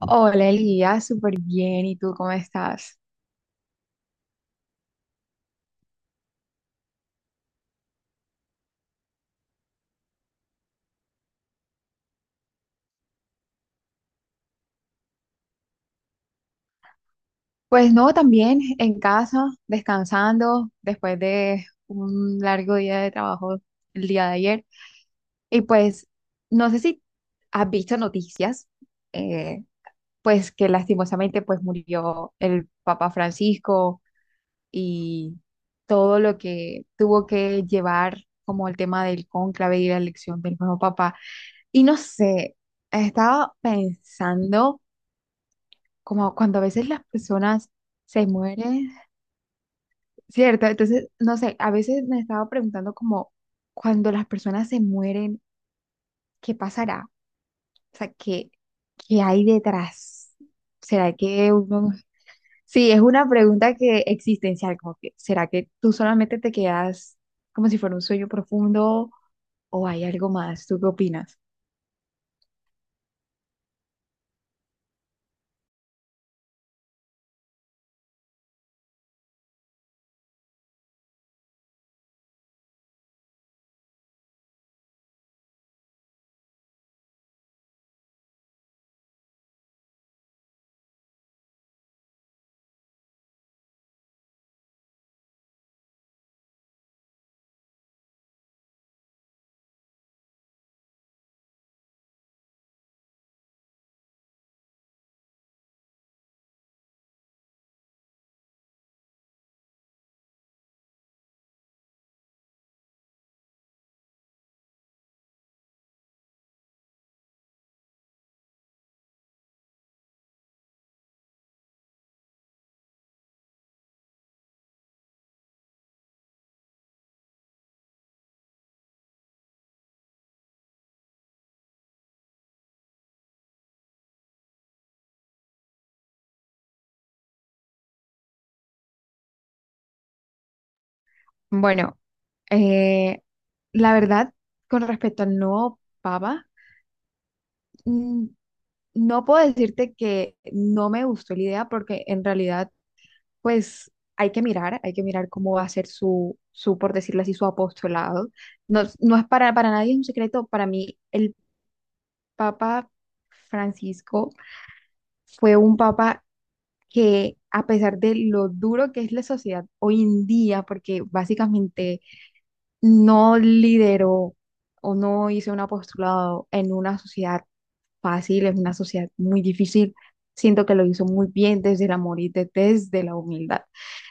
Hola Elías, súper bien. ¿Y tú cómo estás? Pues no, también en casa, descansando después de un largo día de trabajo el día de ayer. Y pues no sé si has visto noticias, eh, pues que lastimosamente pues murió el Papa Francisco y todo lo que tuvo que llevar como el tema del cónclave y la elección del nuevo Papa. Y no sé, estaba pensando, como cuando a veces las personas se mueren, ¿cierto? Entonces, no sé, a veces me estaba preguntando como, cuando las personas se mueren, ¿qué pasará? O sea, ¿qué hay detrás? ¿Será que uno... Sí, es una pregunta que existencial, como que, ¿será que tú solamente te quedas como si fuera un sueño profundo o hay algo más? ¿Tú qué opinas? Bueno, eh, la verdad, con respecto al nuevo papa, mm, no puedo decirte que no me gustó la idea porque en realidad, pues hay que mirar cómo va a ser su, por decirlo así, su apostolado. No, para nadie es un secreto, para mí el Papa Francisco fue un papa que, a pesar de lo duro que es la sociedad hoy en día, porque básicamente no lideró o no hizo un apostolado en una sociedad fácil, es una sociedad muy difícil. Siento que lo hizo muy bien desde el amor y desde la humildad.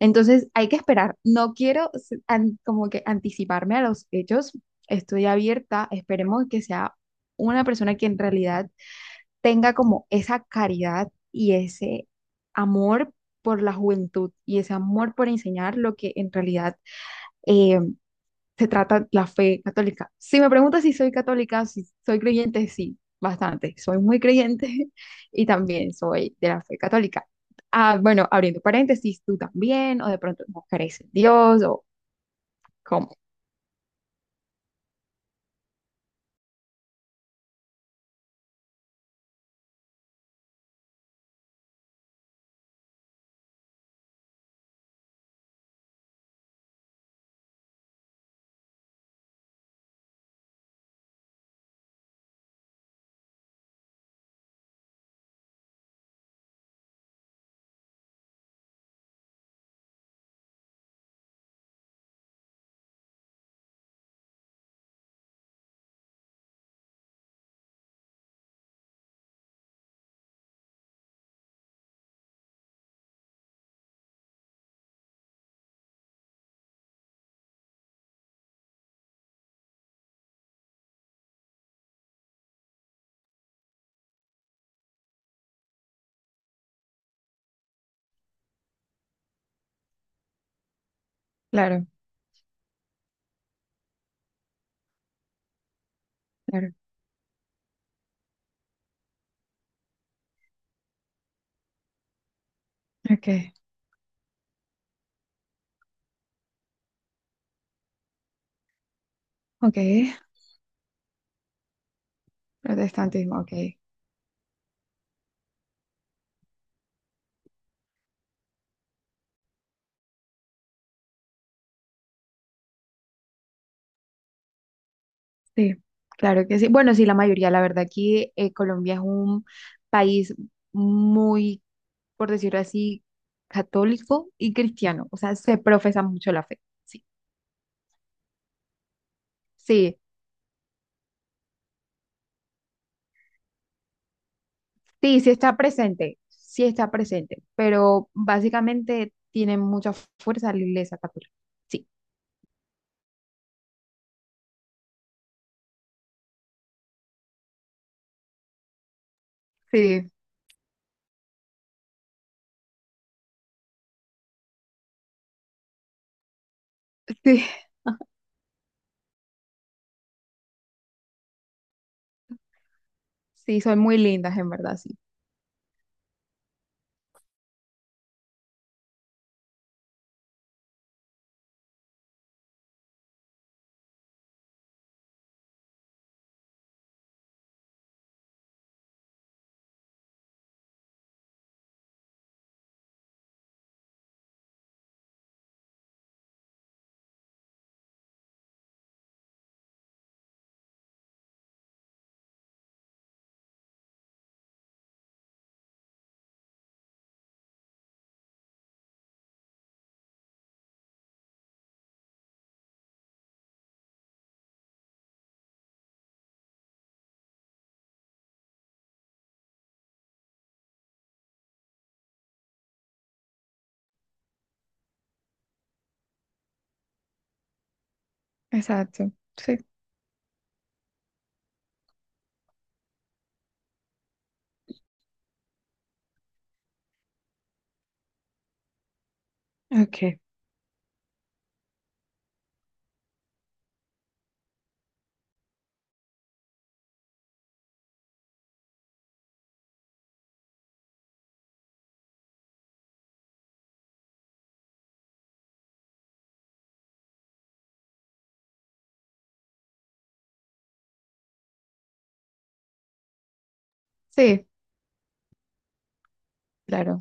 Entonces hay que esperar. No quiero como que anticiparme a los hechos. Estoy abierta. Esperemos que sea una persona que en realidad tenga como esa caridad y ese amor por la juventud y ese amor por enseñar lo que en realidad eh, se trata la fe católica. Si me preguntas si soy católica, si soy creyente, sí, bastante. Soy muy creyente y también soy de la fe católica. Ah, bueno, abriendo paréntesis, ¿tú también, o de pronto no crees en Dios, o cómo? Claro, claro. Ok, ok. Protestantismo, ok. Sí, claro que sí. Bueno, sí, la mayoría, la verdad, aquí Colombia es un país muy, por decirlo así, católico y cristiano. O sea, se profesa mucho la fe. Sí, sí. Sí, sí está presente, pero básicamente tiene mucha fuerza la iglesia católica. Sí. Sí, sí, sí, son muy lindas en verdad, sí. Exacto. Sí, ok. Sí, claro.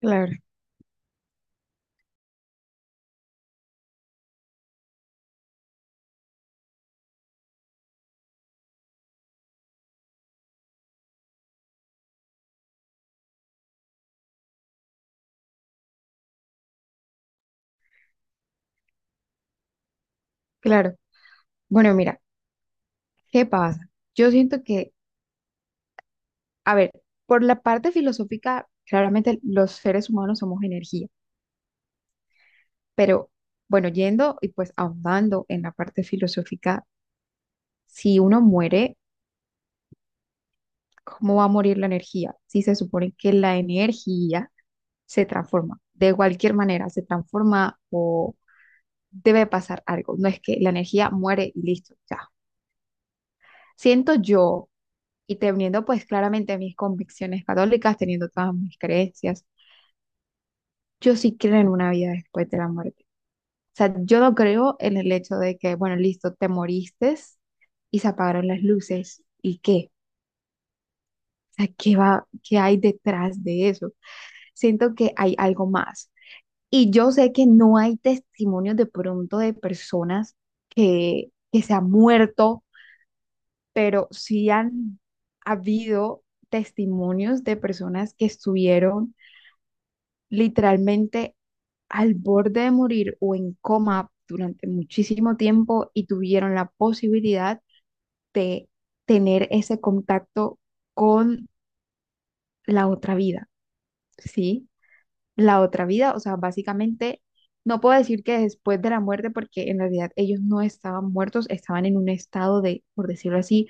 Claro, claro. Bueno, mira, ¿qué pasa? Yo siento que, a ver, por la parte filosófica, claramente los seres humanos somos energía, pero bueno, yendo y pues ahondando en la parte filosófica, si uno muere, ¿cómo va a morir la energía? Si se supone que la energía se transforma, de cualquier manera se transforma o debe pasar algo. No es que la energía muere y listo, ya. Siento yo, y teniendo pues claramente mis convicciones católicas, teniendo todas mis creencias, yo sí creo en una vida después de la muerte. O sea, yo no creo en el hecho de que, bueno, listo, te moriste y se apagaron las luces. ¿Y qué? O sea, ¿qué hay detrás de eso? Siento que hay algo más. Y yo sé que no hay testimonios de pronto de personas que se han muerto, pero sí han habido testimonios de personas que estuvieron literalmente al borde de morir o en coma durante muchísimo tiempo y tuvieron la posibilidad de tener ese contacto con la otra vida, ¿sí? La otra vida, o sea, básicamente no puedo decir que después de la muerte, porque en realidad ellos no estaban muertos, estaban en un estado de, por decirlo así,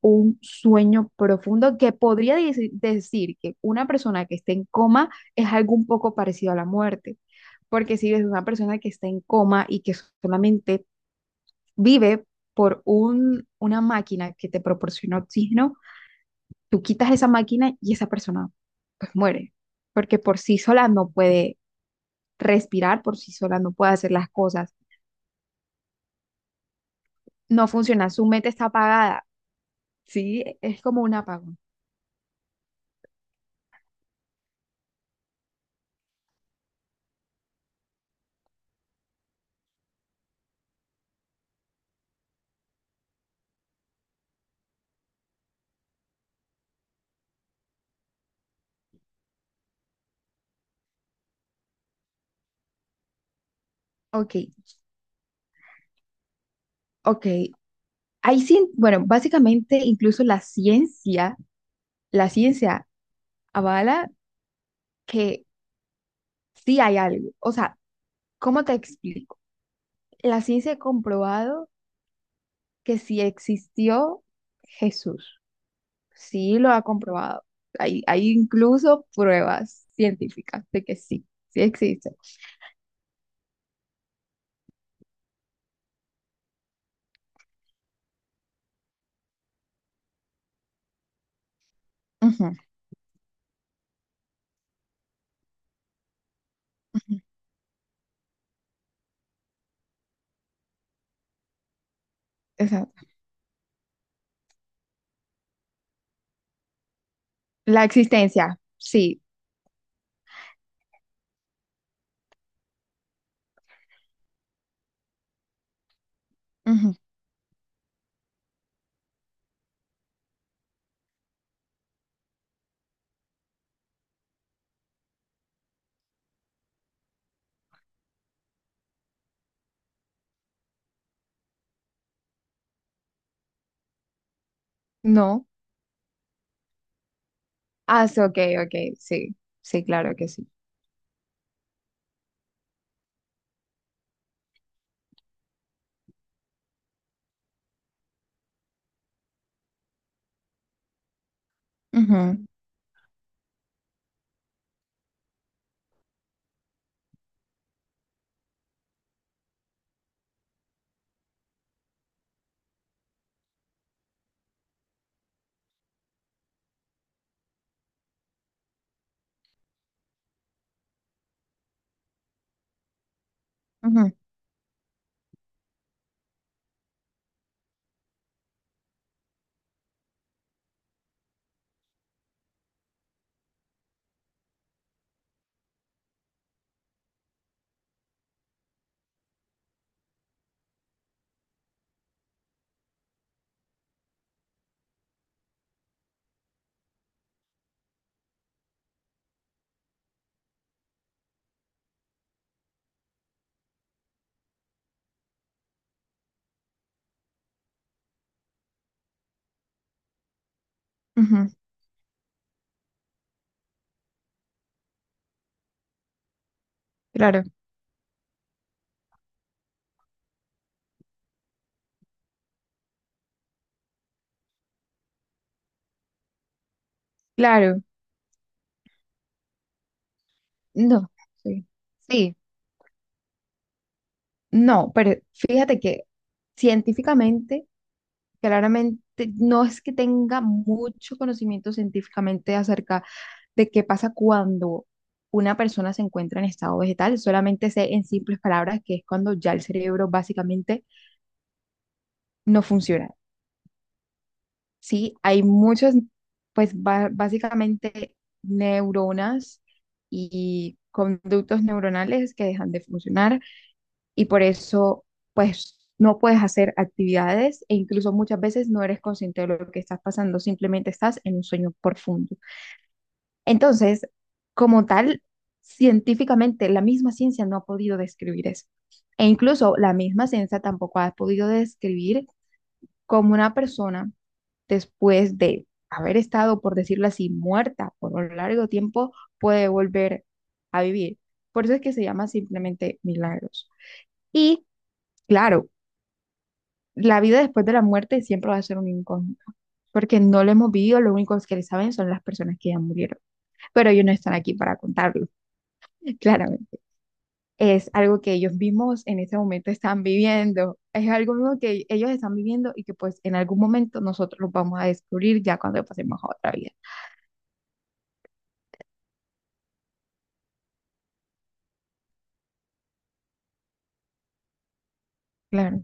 un sueño profundo que podría decir que una persona que esté en coma es algo un poco parecido a la muerte, porque si ves una persona que está en coma y que solamente vive por una máquina que te proporciona oxígeno, tú quitas esa máquina y esa persona pues muere, porque por sí sola no puede respirar, por sí sola no puede hacer las cosas, no funciona, su mente está apagada, ¿sí? Es como un apagón. Ok, ok. Ahí sí bueno, básicamente incluso la ciencia avala que sí hay algo. O sea, ¿cómo te explico? La ciencia ha comprobado que sí existió Jesús, sí lo ha comprobado. Hay incluso pruebas científicas de que sí, sí existe. Ujú, ujú, exacto. La existencia, sí. Ujú. No. Ah, sí, ok, ok, sí. Sí, claro que sí. Ujú, ujú, ujú. Claro, claro. No, sí. Sí, no, pero fíjate que científicamente, claramente, no es que tenga mucho conocimiento científicamente acerca de qué pasa cuando una persona se encuentra en estado vegetal. Solamente sé en simples palabras que es cuando ya el cerebro básicamente no funciona. Sí, hay muchas, pues básicamente neuronas y conductos neuronales que dejan de funcionar y por eso pues no puedes hacer actividades e incluso muchas veces no eres consciente de lo que estás pasando, simplemente estás en un sueño profundo. Entonces, como tal, científicamente la misma ciencia no ha podido describir eso. E incluso la misma ciencia tampoco ha podido describir como una persona, después de haber estado, por decirlo así, muerta por un largo tiempo, puede volver a vivir. Por eso es que se llama simplemente milagros. Y claro, la vida después de la muerte siempre va a ser un incógnito, porque no lo hemos vivido, lo único que saben son las personas que ya murieron, pero ellos no están aquí para contarlo, claramente. Es algo que ellos mismos en ese momento están viviendo. Es algo mismo que ellos están viviendo y que pues en algún momento nosotros lo vamos a descubrir ya cuando pasemos a otra vida. Claro.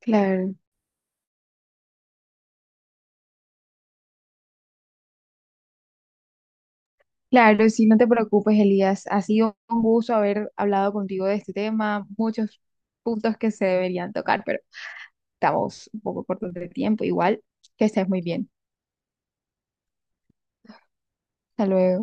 Claro. Claro, sí, no te preocupes, Elías. Ha sido un gusto haber hablado contigo de este tema, muchos puntos que se deberían tocar, pero estamos un poco cortos de tiempo. Igual, que estés muy bien. Hasta luego.